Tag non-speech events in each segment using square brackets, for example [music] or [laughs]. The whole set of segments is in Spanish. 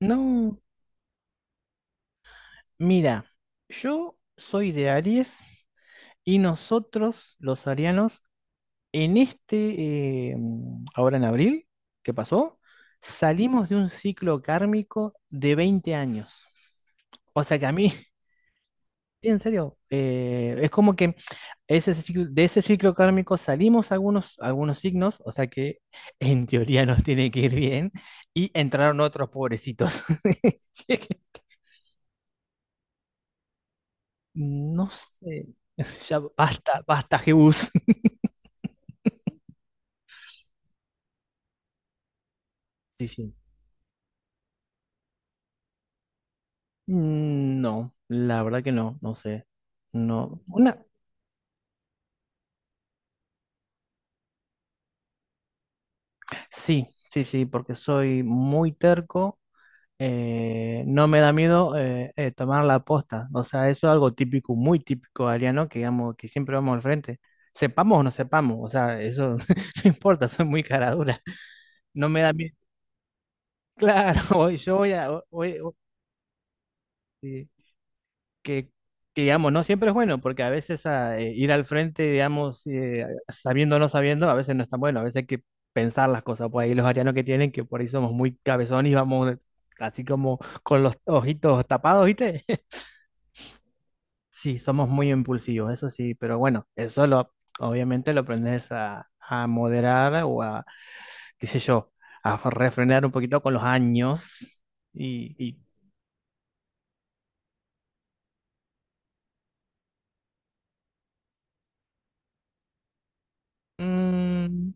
No, mira, yo soy de Aries y nosotros, los arianos, ahora en abril, ¿qué pasó? Salimos de un ciclo kármico de 20 años. O sea que a mí, [laughs] en serio, es como que de ese ciclo kármico salimos algunos signos, o sea que en teoría nos tiene que ir bien, y entraron otros pobrecitos. [laughs] No sé. [laughs] Ya basta, basta, Jebus. [laughs] Sí, sí. No, la verdad que no sé. No. Una. Sí, sí, sí, porque soy muy terco. No me da miedo tomar la posta. O sea, eso es algo típico, muy típico ariano, que digamos, que siempre vamos al frente. Sepamos o no sepamos, o sea, eso [laughs] no importa, soy muy cara dura. No me da miedo. Claro, [laughs] hoy yo voy a. hoy- hoy- hoy- sí. que, que, digamos, no siempre es bueno, porque a veces ir al frente, digamos, sabiendo o no sabiendo, a veces no es tan bueno, a veces hay que pensar las cosas, por ahí los arianos que por ahí somos muy cabezones y vamos así como con los ojitos tapados, ¿viste? [laughs] Sí, somos muy impulsivos, eso sí, pero bueno, eso lo, obviamente lo aprendes a moderar o a, qué sé yo, a refrenar un poquito con los años y, y, mm,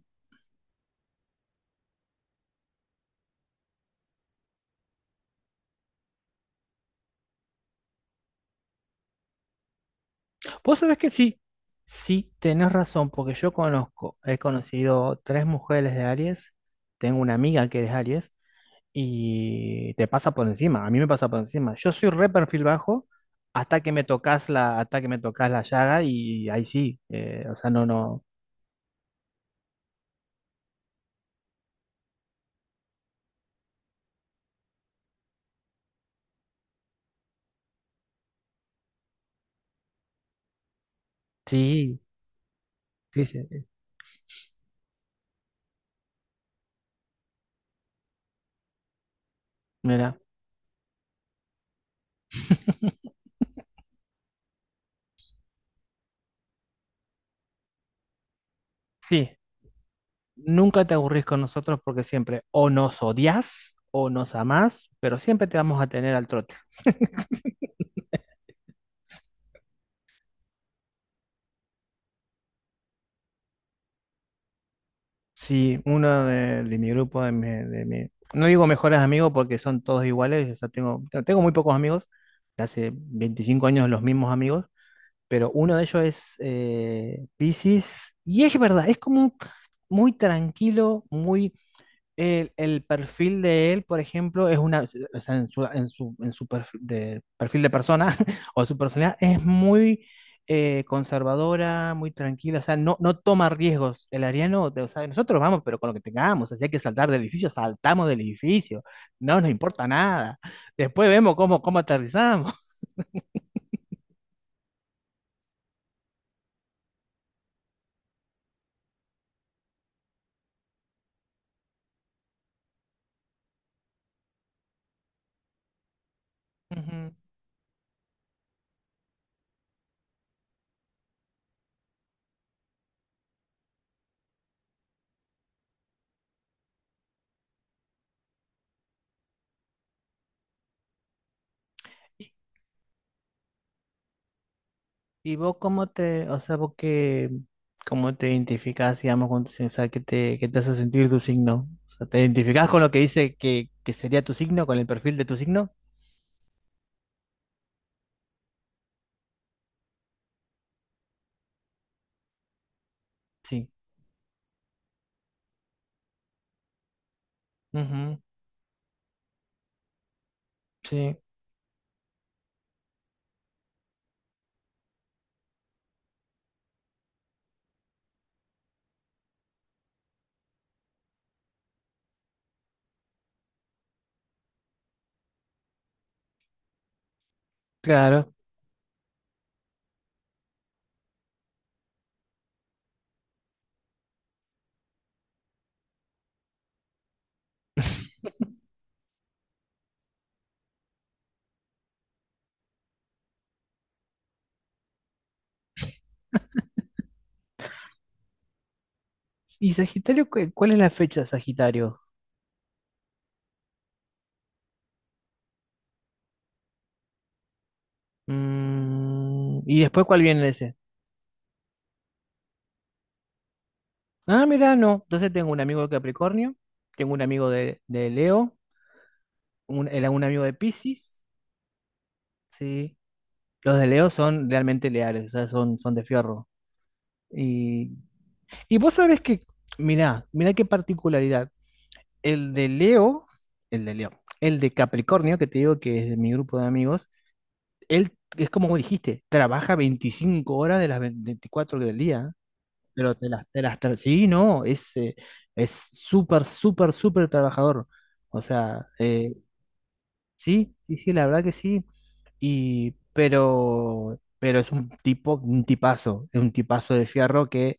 Vos sabés que sí, sí, tenés razón, porque he conocido tres mujeres de Aries, tengo una amiga que es Aries, y te pasa por encima, a mí me pasa por encima. Yo soy re perfil bajo hasta que me tocas la llaga y ahí sí, o sea, no, no, sí, sí, sí, mira. [laughs] Sí, nunca te aburrís con nosotros porque siempre o nos odias o nos amás, pero siempre te vamos a tener al trote. Sí, uno de mi grupo, no digo mejores amigos porque son todos iguales, o sea, tengo muy pocos amigos, hace 25 años los mismos amigos, pero uno de ellos es Piscis, y es verdad, es como un- muy tranquilo, muy el perfil de él, por ejemplo, es una, o sea, en su perfil, perfil de persona [laughs] o su personalidad es muy conservadora, muy tranquila, o sea, no, no toma riesgos. El ariano, o sea, nosotros vamos, pero con lo que tengamos, así hay que saltar del edificio, saltamos del edificio, no nos importa nada. Después vemos cómo aterrizamos. [laughs] Ujú. ¿Y vos o sea, vos cómo te identificás, digamos, con tu signo? O sea, qué te hace sentir tu signo? O sea, ¿te identificás con lo que dice que sería tu signo, con el perfil de tu signo? Sí. Ujú, sí, claro. ¿Y Sagitario, cuál es la fecha de Sagitario? Mm, ¿y después cuál viene ese? Ah, mirá, no. Entonces tengo un amigo de Capricornio, tengo un amigo de Leo, un amigo de Piscis, sí. Los de Leo son realmente leales, o sea, son de fierro. Y Y vos sabés que, mirá, mirá qué particularidad. El de Leo, el de Leo, el de Capricornio, que te digo que es de mi grupo de amigos, él es como vos dijiste, trabaja 25 horas de las 24 del día, ¿eh? Pero sí, no, es súper, súper, súper trabajador. O sea, sí, sí, sí, la verdad que sí. Y, pero es un tipo, un tipazo, es un tipazo de fierro que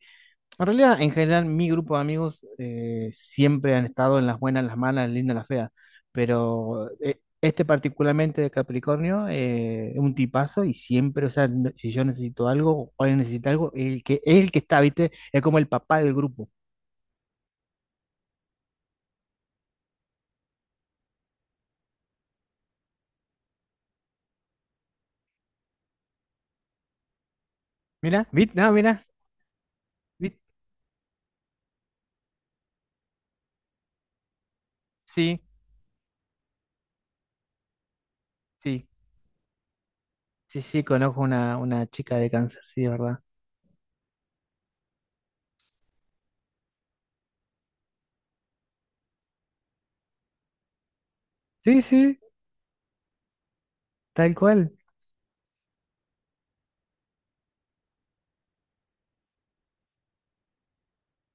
en realidad, en general, mi grupo de amigos siempre han estado en las buenas, en las malas, en las lindas, en las feas. Pero este particularmente de Capricornio es un tipazo y siempre, o sea, si yo necesito algo o alguien necesita algo, el que está, ¿viste? Es como el papá del grupo. Mira, ¿viste? No, mira, ¿viste? Sí, sí, sí, sí, conozco una chica de cáncer, sí, es verdad. Sí, sí, tal cual,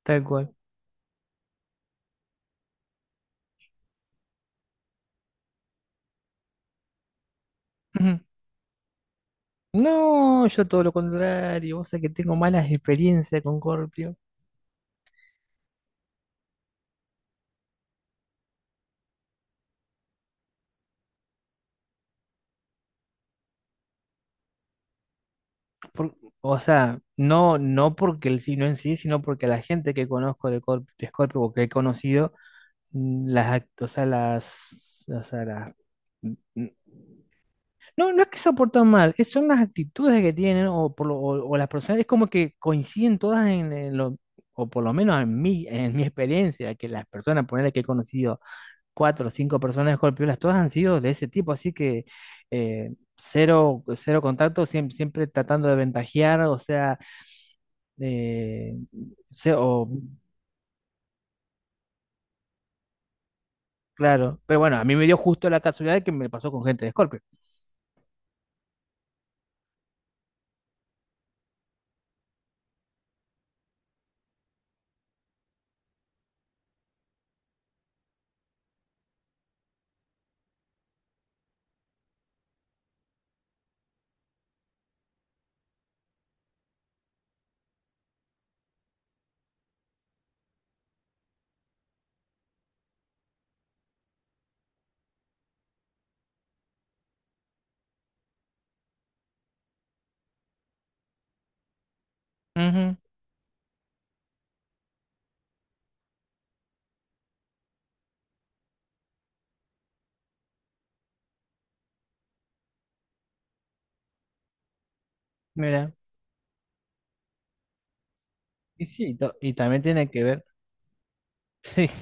tal cual. Ujú. No, yo todo lo contrario, vos sabés que tengo malas experiencias con Corpio. por- o sea, no, no porque el signo en sí, sino porque la gente que conozco de Scorpio o que he conocido, mm, las, act- o sea, las, mm, no, no es que se portan mal, son las actitudes que tienen o, o las personas, es como que coinciden todas en, lo, o por lo menos en mi experiencia, que las personas, ponerle que he conocido cuatro o cinco personas golpeolas, todas han sido de ese tipo, así que cero, cero contacto, siempre, siempre tratando de ventajear, o sea, eh, se- o, claro, pero bueno, a mí me dio justo la casualidad que me pasó con gente de Scorpio. Ujú, mira, y sí, y también tiene que ver,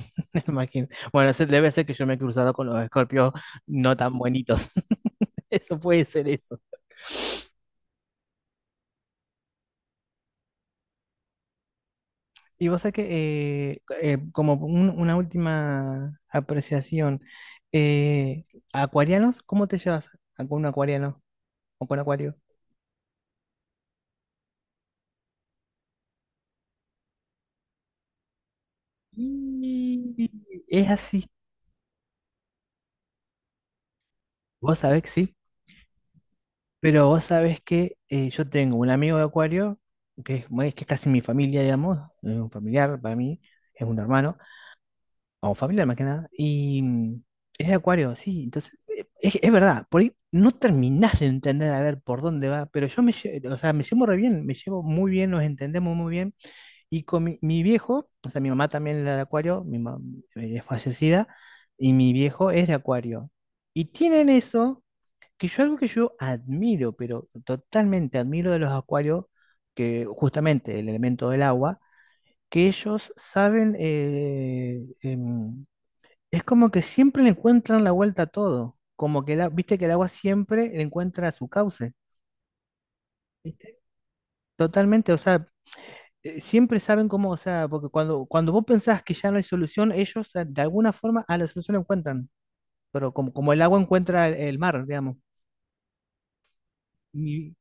[laughs] me imagino. Bueno, debe ser que yo me he cruzado con los Scorpios no tan bonitos, [laughs] eso puede ser eso. Y vos sabés que, como una última apreciación, eh, ¿acuarianos? ¿Cómo te llevas con un acuariano o con acuario? Y es así, vos sabés que sí, pero vos sabés que yo tengo un amigo de acuario, que es, que es casi mi familia, digamos, es un familiar para mí, es un hermano, o familiar más que nada, y eres de Acuario, sí, entonces, es verdad, por ahí no terminás de entender a ver por dónde va, pero yo o sea, me llevo re bien, me llevo muy bien, nos entendemos muy bien, y con mi viejo, o sea, mi mamá también era de Acuario, mi mamá es fallecida, y mi viejo es de Acuario, y tienen eso, que yo algo que yo admiro, pero totalmente admiro de los Acuarios, que justamente el elemento del agua, que ellos saben es como que siempre le encuentran la vuelta a todo. Como que, la, viste que el agua siempre le encuentra su cauce. ¿Viste? Totalmente, o sea, siempre saben cómo, o sea, porque cuando vos pensás que ya no hay solución, ellos de alguna forma a la solución la encuentran. Pero como el agua encuentra el mar, digamos. Y-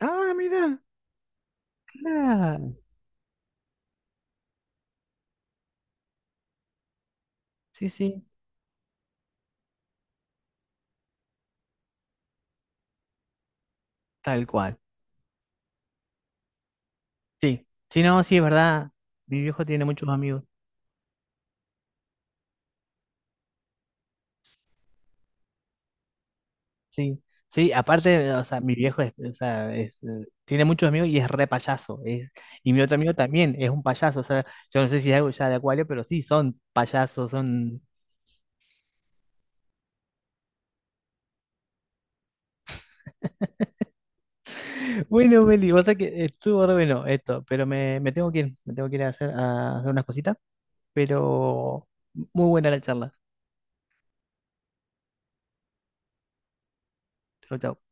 ah, mira, claro. Sí, sí, tal cual. Sí, sí, no, sí, es verdad. Mi viejo tiene muchos amigos. Sí, sí, aparte, o sea, mi viejo es, o sea, es, tiene muchos amigos y es re payaso. Y mi otro amigo también es un payaso. O sea, yo no sé si es algo ya de Acuario, pero sí, son payasos, son. [laughs] Bueno, Meli, vos sabés que estuvo re bueno esto, pero me tengo que ir, a hacer unas cositas, pero muy buena la charla. Chau, chau.